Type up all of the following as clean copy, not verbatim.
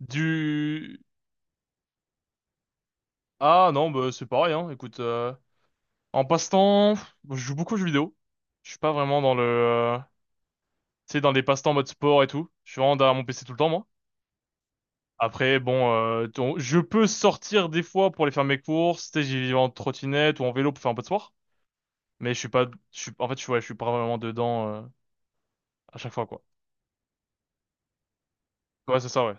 Du... Ah non, bah, c'est pareil, hein. Écoute, en passe-temps, pff, je joue beaucoup aux jeux vidéo. Je suis pas vraiment dans le. Tu sais, dans des passe-temps mode sport et tout. Je suis vraiment derrière mon PC tout le temps, moi. Après, bon, je peux sortir des fois pour aller faire mes courses. Tu sais, j'y vais en trottinette ou en vélo pour faire un peu de sport. Mais je suis pas. En fait, ouais, je suis pas vraiment dedans à chaque fois, quoi. Ouais, c'est ça, ouais.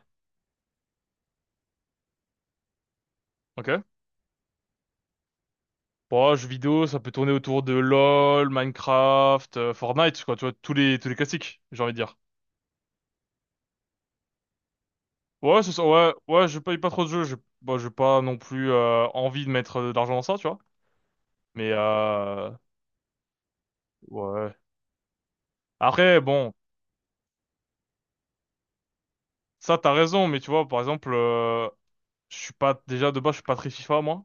Ok. Bon, jeux vidéo, ça peut tourner autour de LoL, Minecraft, Fortnite, quoi. Tu vois, tous les classiques, j'ai envie de dire. Ouais, c'est ça, ouais, ouais, je paye pas trop de jeux, j'ai pas non plus envie de mettre de l'argent dans ça, tu vois. Mais ouais. Après, bon, ça t'as raison, mais tu vois, par exemple, je suis pas déjà de base, je suis pas très FIFA moi.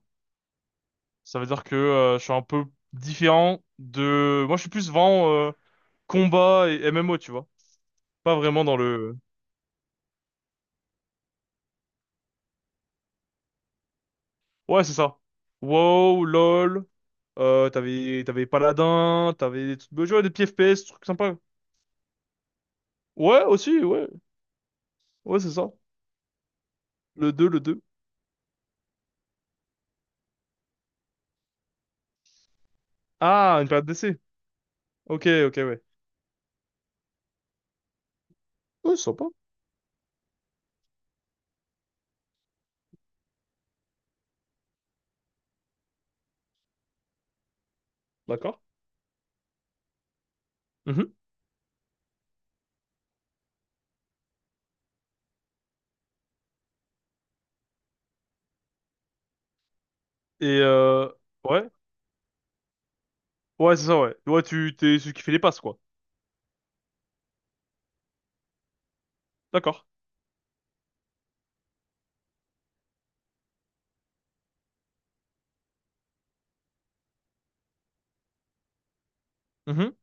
Ça veut dire que je suis un peu différent de. Moi, je suis plus vraiment combat et MMO, tu vois. Pas vraiment dans le. Ouais, c'est ça. WoW, LOL, t'avais Paladin, t'avais des trucs, ouais, des petits FPS, trucs sympas. Ouais, aussi, ouais, ouais, c'est ça. Le deux. Ah, une période d'essai. Ok, ok, ouais. Ouais, c'est sympa. D'accord. Mhm. Et ouais, ouais, c'est ça, ouais. Ouais, tu t'es celui qui fait les passes, quoi. D'accord. Mhm.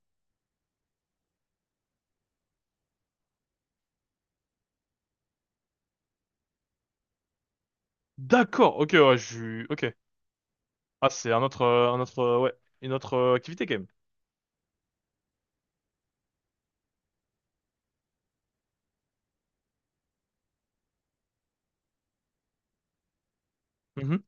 D'accord. Ok, ouais, je, ok. Ah, c'est une autre activité quand même. Mhm.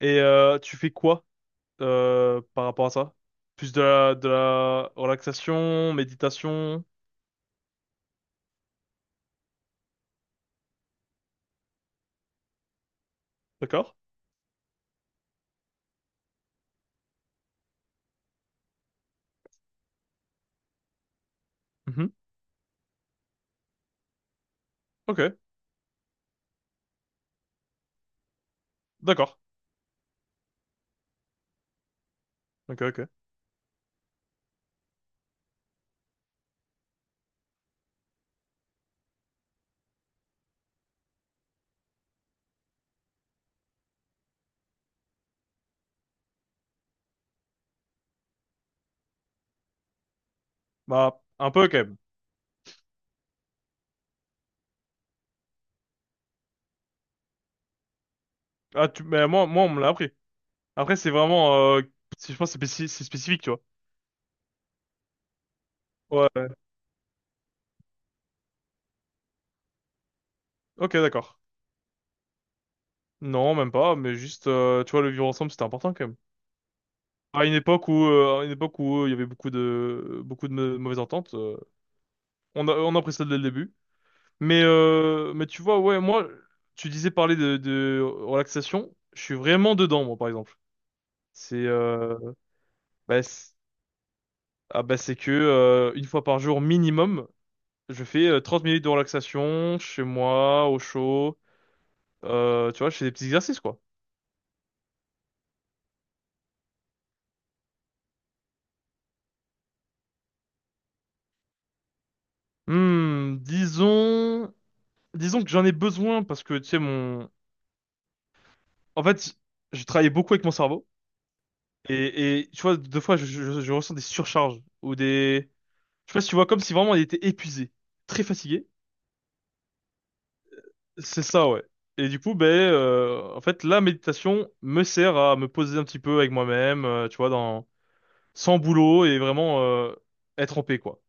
Et tu fais quoi par rapport à ça? Plus de la relaxation, méditation. D'accord. Mhm. Ok. D'accord. Ok, ok. Bah, un peu quand même. Ah, mais moi, moi, on me l'a appris. Après, c'est vraiment, je pense, que c'est spécifique, tu vois. Ouais, ouais. Ok, d'accord. Non, même pas, mais juste, tu vois, le vivre ensemble, c'était important quand même. À une époque où il y avait beaucoup de mauvaises ententes, on a appris ça dès le début. Mais tu vois, ouais, moi, tu disais parler de relaxation, je suis vraiment dedans, moi, par exemple. C'est, bah, c'est ah, Bah, c'est que, une fois par jour minimum, je fais 30 minutes de relaxation chez moi, au chaud. Tu vois, je fais des petits exercices, quoi. Hmm, disons, disons, que j'en ai besoin parce que, tu sais, en fait, je travaillais beaucoup avec mon cerveau et tu vois, deux fois, je ressens des surcharges ou des, je sais pas si tu vois, comme si vraiment il était épuisé, très fatigué. C'est ça, ouais. Et du coup, ben, en fait, la méditation me sert à me poser un petit peu avec moi-même, tu vois, sans boulot et vraiment, être en paix, quoi.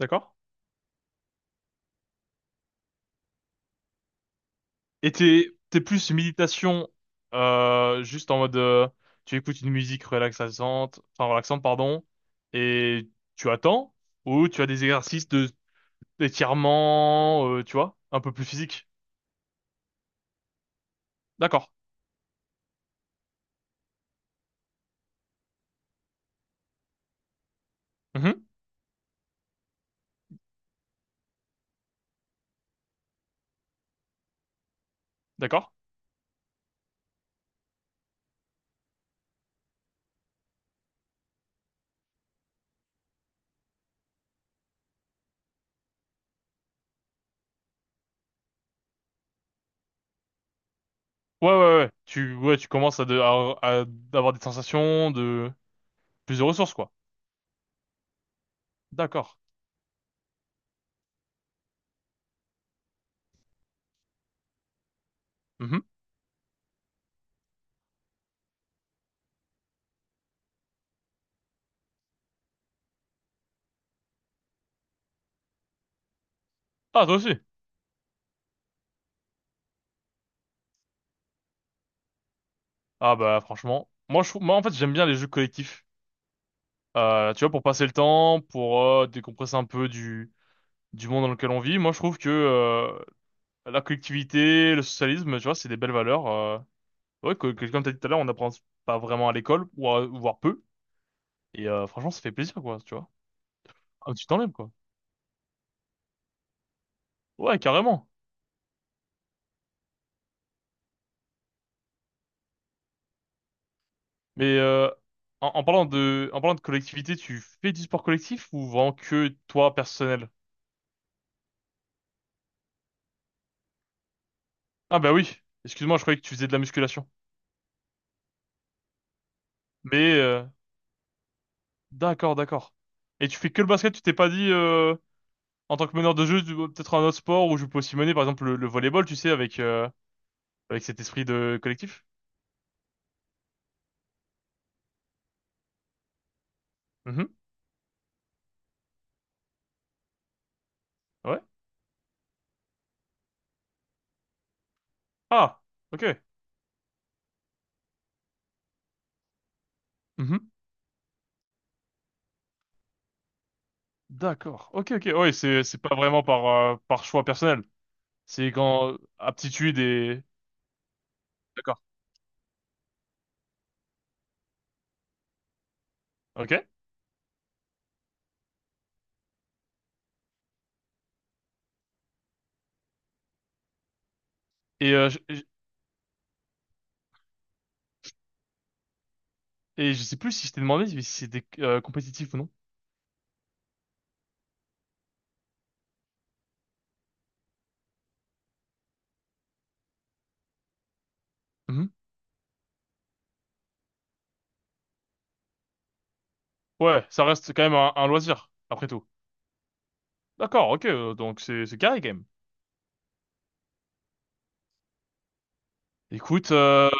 D'accord? Et t'es plus méditation, juste en mode, tu écoutes une musique relaxante, enfin relaxante, pardon, et tu attends, ou tu as des exercices de d'étirement, tu vois, un peu plus physique. D'accord. Mhm. D'accord. Ouais, ouais, ouais. Ouais, tu commences à avoir des sensations de plus de ressources, quoi. D'accord. Mhm. Ah, toi aussi. Ah bah franchement, moi moi en fait j'aime bien les jeux collectifs. Tu vois, pour passer le temps, pour décompresser un peu du monde dans lequel on vit. Moi, je trouve que la collectivité, le socialisme, tu vois, c'est des belles valeurs. Ouais, que, comme t'as dit tout à l'heure, on n'apprend pas vraiment à l'école, voire peu. Et franchement, ça fait plaisir, quoi, tu vois. Un petit enlève, quoi. Ouais, carrément. Mais en parlant de collectivité, tu fais du sport collectif ou vraiment que toi, personnel? Ah bah oui. Excuse-moi, je croyais que tu faisais de la musculation. Mais d'accord, d'accord. Et tu fais que le basket, tu t'es pas dit en tant que meneur de jeu, peut-être un autre sport où je peux aussi mener, par exemple, le volleyball, tu sais, avec, avec cet esprit de collectif. Mhm. Ouais. Ah, ok. Mhm. D'accord. Ok, ok. Ouais, c'est pas vraiment par choix personnel. C'est quand aptitude et... D'accord. Ok. Et, euh, je, je- et je sais plus si je t'ai demandé si c'était compétitif ou non. Mhm. Ouais, ça reste quand même un loisir, après tout. D'accord, ok. Donc c'est carré, quand même. Écoute,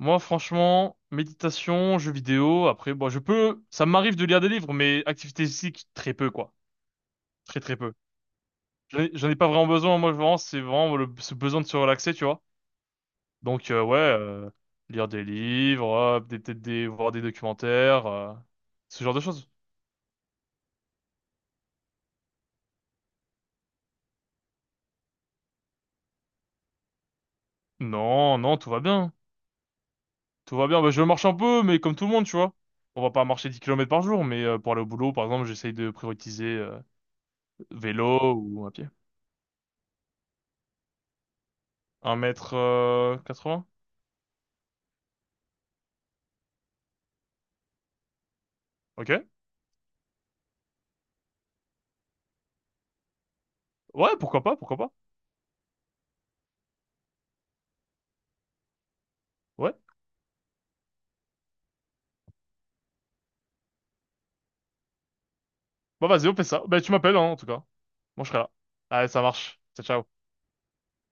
moi, franchement, méditation, jeux vidéo, après, bon, je peux, ça m'arrive de lire des livres, mais activité physique, très peu, quoi. Très, très peu. J'en ai pas vraiment besoin, moi, vraiment, c'est vraiment ce besoin de se relaxer, tu vois. Donc, ouais, lire des livres, peut-être des, voir des documentaires, ce genre de choses. Non, non, tout va bien. Tout va bien. Bah, je marche un peu, mais comme tout le monde, tu vois. On va pas marcher 10 kilomètres par jour, mais pour aller au boulot, par exemple, j'essaye de prioriser vélo ou à pied. Un mètre quatre-vingts. Ok. Ouais, pourquoi pas, pourquoi pas. Ouais. Bah vas-y, on fait ça. Ben, tu m'appelles, hein, en tout cas. Moi, je serai là. Allez, ça marche. Ciao, ciao.